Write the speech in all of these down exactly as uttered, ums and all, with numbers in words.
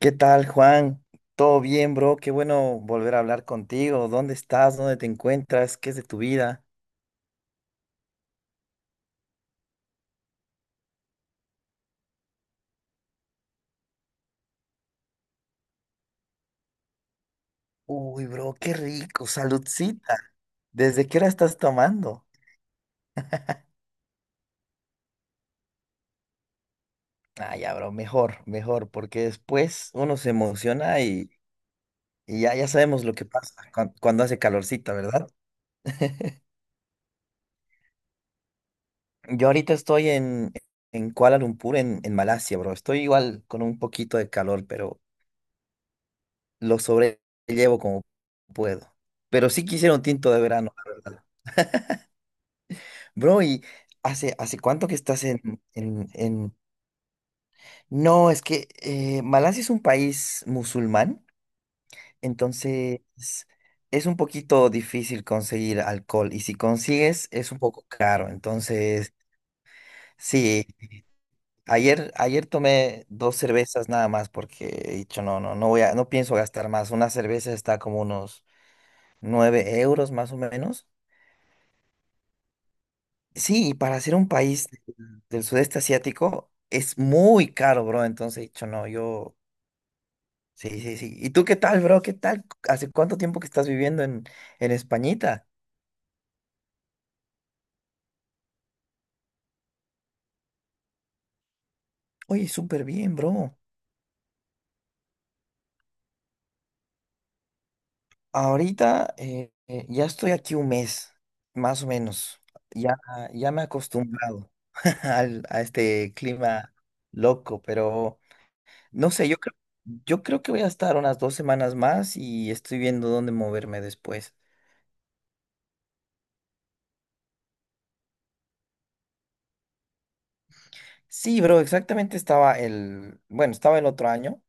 ¿Qué tal, Juan? ¿Todo bien, bro? Qué bueno volver a hablar contigo. ¿Dónde estás? ¿Dónde te encuentras? ¿Qué es de tu vida? Uy, bro, qué rico. Saludcita. ¿Desde qué hora estás tomando? Ah, ya, bro, mejor, mejor, porque después uno se emociona y, y ya, ya sabemos lo que pasa cuan- cuando hace calorcita, ¿verdad? Yo ahorita estoy en, en Kuala Lumpur, en, en Malasia, bro. Estoy igual con un poquito de calor, pero lo sobrellevo como puedo. Pero sí quisiera un tinto de verano, la verdad. Bro, ¿y hace, hace cuánto que estás en, en, en... No, es que eh, Malasia es un país musulmán, entonces es un poquito difícil conseguir alcohol y si consigues es un poco caro. Entonces, sí, ayer, ayer tomé dos cervezas nada más porque he dicho, no, no, no voy a, no pienso gastar más. Una cerveza está como unos nueve euros más o menos. Sí, y para ser un país del del sudeste asiático es muy caro, bro. Entonces he dicho, no, yo. Sí, sí, sí. ¿Y tú qué tal, bro? ¿Qué tal? ¿Hace cuánto tiempo que estás viviendo en, en Españita? Oye, súper bien, bro. Ahorita eh, eh, ya estoy aquí un mes, más o menos. Ya, ya me he acostumbrado al- a este clima loco, pero no sé, yo creo, yo creo que voy a estar unas dos semanas más y estoy viendo dónde moverme después. Sí, bro, exactamente estaba el, bueno, estaba el otro año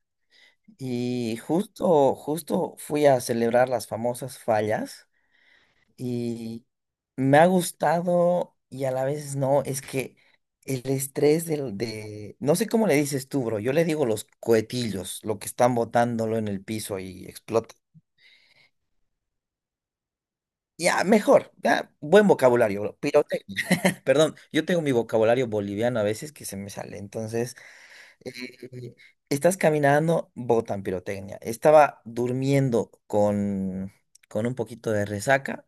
y justo, justo fui a celebrar las famosas fallas y me ha gustado y a la vez no, es que el estrés del, de, no sé cómo le dices tú, bro, yo le digo los cohetillos, lo que están botándolo en el piso y explota. Ya, mejor, ya, buen vocabulario, bro, pirotecnia. Perdón, yo tengo mi vocabulario boliviano a veces que se me sale, entonces... eh, estás caminando, botan pirotecnia. Estaba durmiendo con, con un poquito de resaca,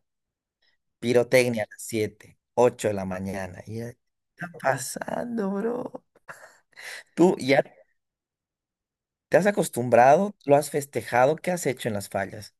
pirotecnia a las siete, ocho de la mañana. Y ya está pasando, bro. Tú ya te has acostumbrado, lo has festejado, ¿qué has hecho en las fallas?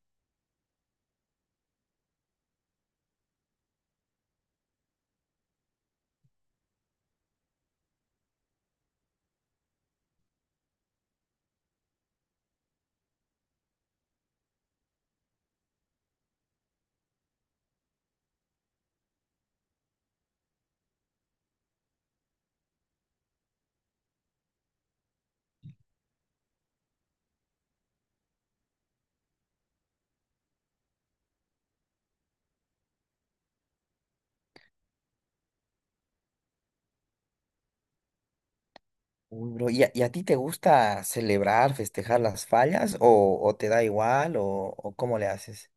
Uy, bro, ¿y a, y a ti te gusta celebrar, festejar las fallas o, o te da igual o, o cómo le haces?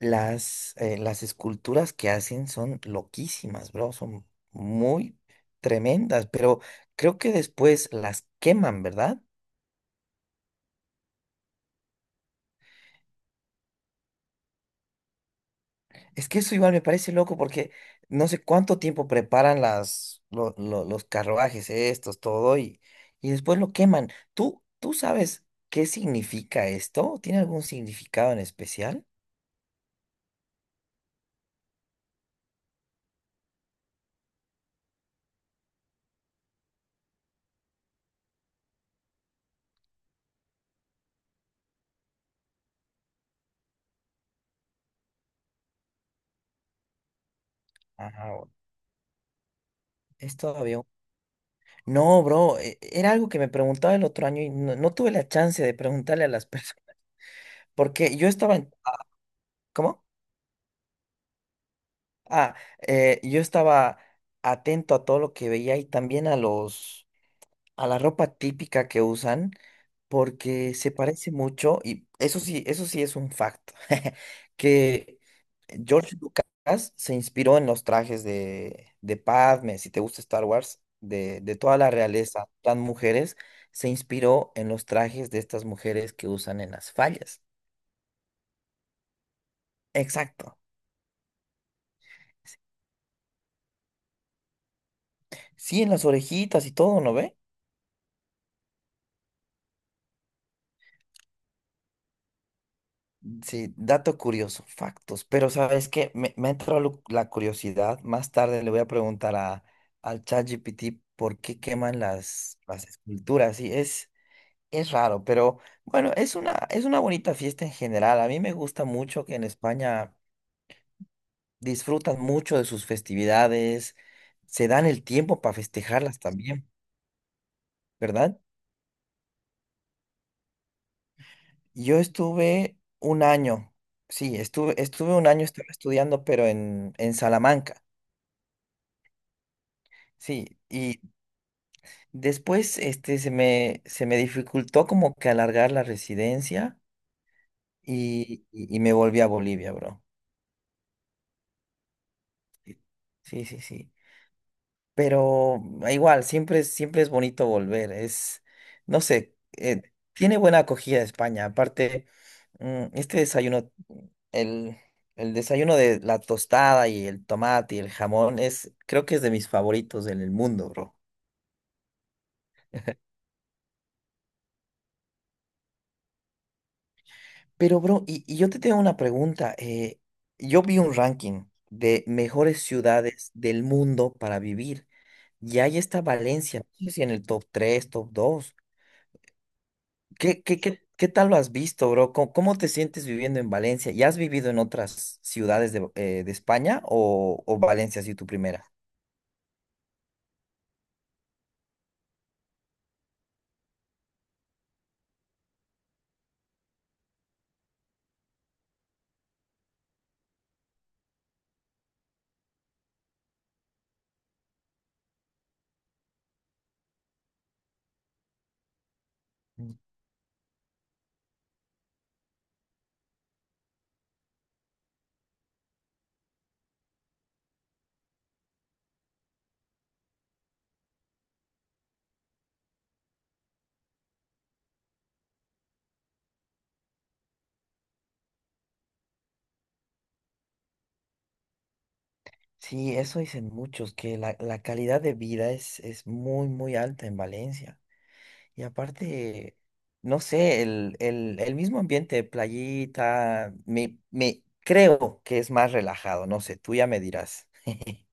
Las, eh, las esculturas que hacen son loquísimas, bro, son muy tremendas, pero creo que después las queman, ¿verdad? Es que eso igual me parece loco porque no sé cuánto tiempo preparan las, lo- lo- los carruajes estos, todo, y, y después lo queman. ¿Tú, tú sabes qué significa esto? ¿Tiene algún significado en especial? Ajá, bueno, es todavía... un- No, bro, e- era algo que me preguntaba el otro año y no, no tuve la chance de preguntarle a las personas. Porque yo estaba en... ah, ¿cómo? Ah, eh, yo estaba atento a todo lo que veía y también a los, a la ropa típica que usan, porque se parece mucho, y eso sí, eso sí es un facto, que George Lucas se inspiró en los trajes de, de Padme, si te gusta Star Wars, de, de toda la realeza, las mujeres, se inspiró en los trajes de estas mujeres que usan en las fallas. Exacto. Sí, en las orejitas y todo, ¿no ve? Sí, dato curioso, factos. Pero sabes que me, me ha entrado lu- la curiosidad. Más tarde le voy a preguntar a, al ChatGPT por qué queman las, las esculturas. Sí, es, es raro, pero bueno, es una, es una bonita fiesta en general. A mí me gusta mucho que en España disfrutan mucho de sus festividades, se dan el tiempo para festejarlas también, ¿verdad? Yo estuve un año, sí, estuve, estuve un año, estaba estudiando, pero en, en Salamanca. Sí, y después, este, se me, se me dificultó como que alargar la residencia y, y- y me volví a Bolivia, bro. Sí, sí, sí. Sí. Pero ah, igual, siempre, es- siempre es bonito volver. Es, no sé, eh, tiene buena acogida España. Aparte, mm, este desayuno, mm, el, el desayuno de la tostada y el tomate y el jamón, es, creo que es de mis favoritos en el mundo, bro. Pero, bro, y, y yo te tengo una pregunta. Eh, yo vi un ranking de mejores ciudades del mundo para vivir y ahí está Valencia, no sé si en el top tres, ¿top dos? ¿Qué, qué, qué, qué tal lo has visto, bro? ¿Cómo, cómo te sientes viviendo en Valencia? ¿Ya has vivido en otras ciudades de, eh, de España o, o Valencia ha sido tu primera? Mm. Sí, eso dicen muchos, que la, la calidad de vida es, es muy, muy alta en Valencia. Y aparte, no sé, el, el, el mismo ambiente de playita, me, me creo que es más relajado, no sé, tú ya me dirás.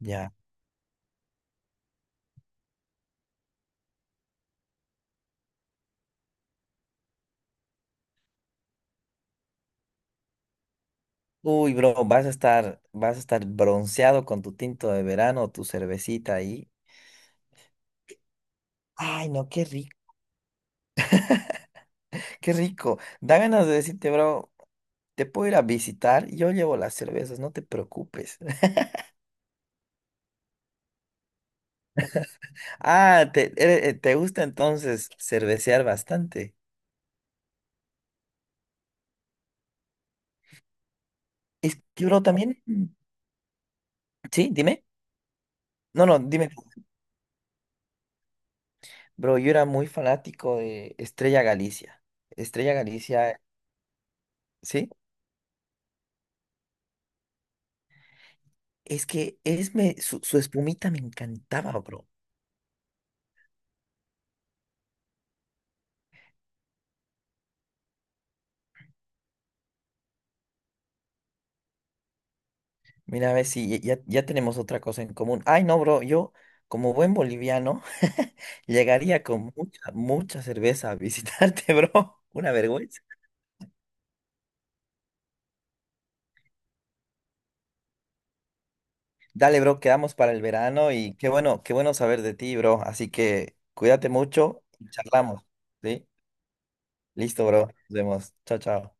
Ya. Uy, bro, vas a estar, vas a estar bronceado con tu tinto de verano, tu cervecita ahí. Ay, no, qué rico, qué rico. Da ganas de decirte, bro, te puedo ir a visitar, yo llevo las cervezas, no te preocupes. Ah, te, eh, te gusta entonces cervecear bastante. Es que, bro, también, sí, dime. No, no, dime tú. Bro, yo era muy fanático de Estrella Galicia. Estrella Galicia, ¿sí? Es que es me, su, su espumita me encantaba, bro. Mira, a ver si ya, ya tenemos otra cosa en común. Ay, no, bro, yo como buen boliviano llegaría con mucha, mucha cerveza a visitarte, bro. Una vergüenza. Dale, bro, quedamos para el verano y qué bueno, qué bueno saber de ti, bro. Así que cuídate mucho y charlamos, ¿sí? Listo, bro. Nos vemos. Chao, chao.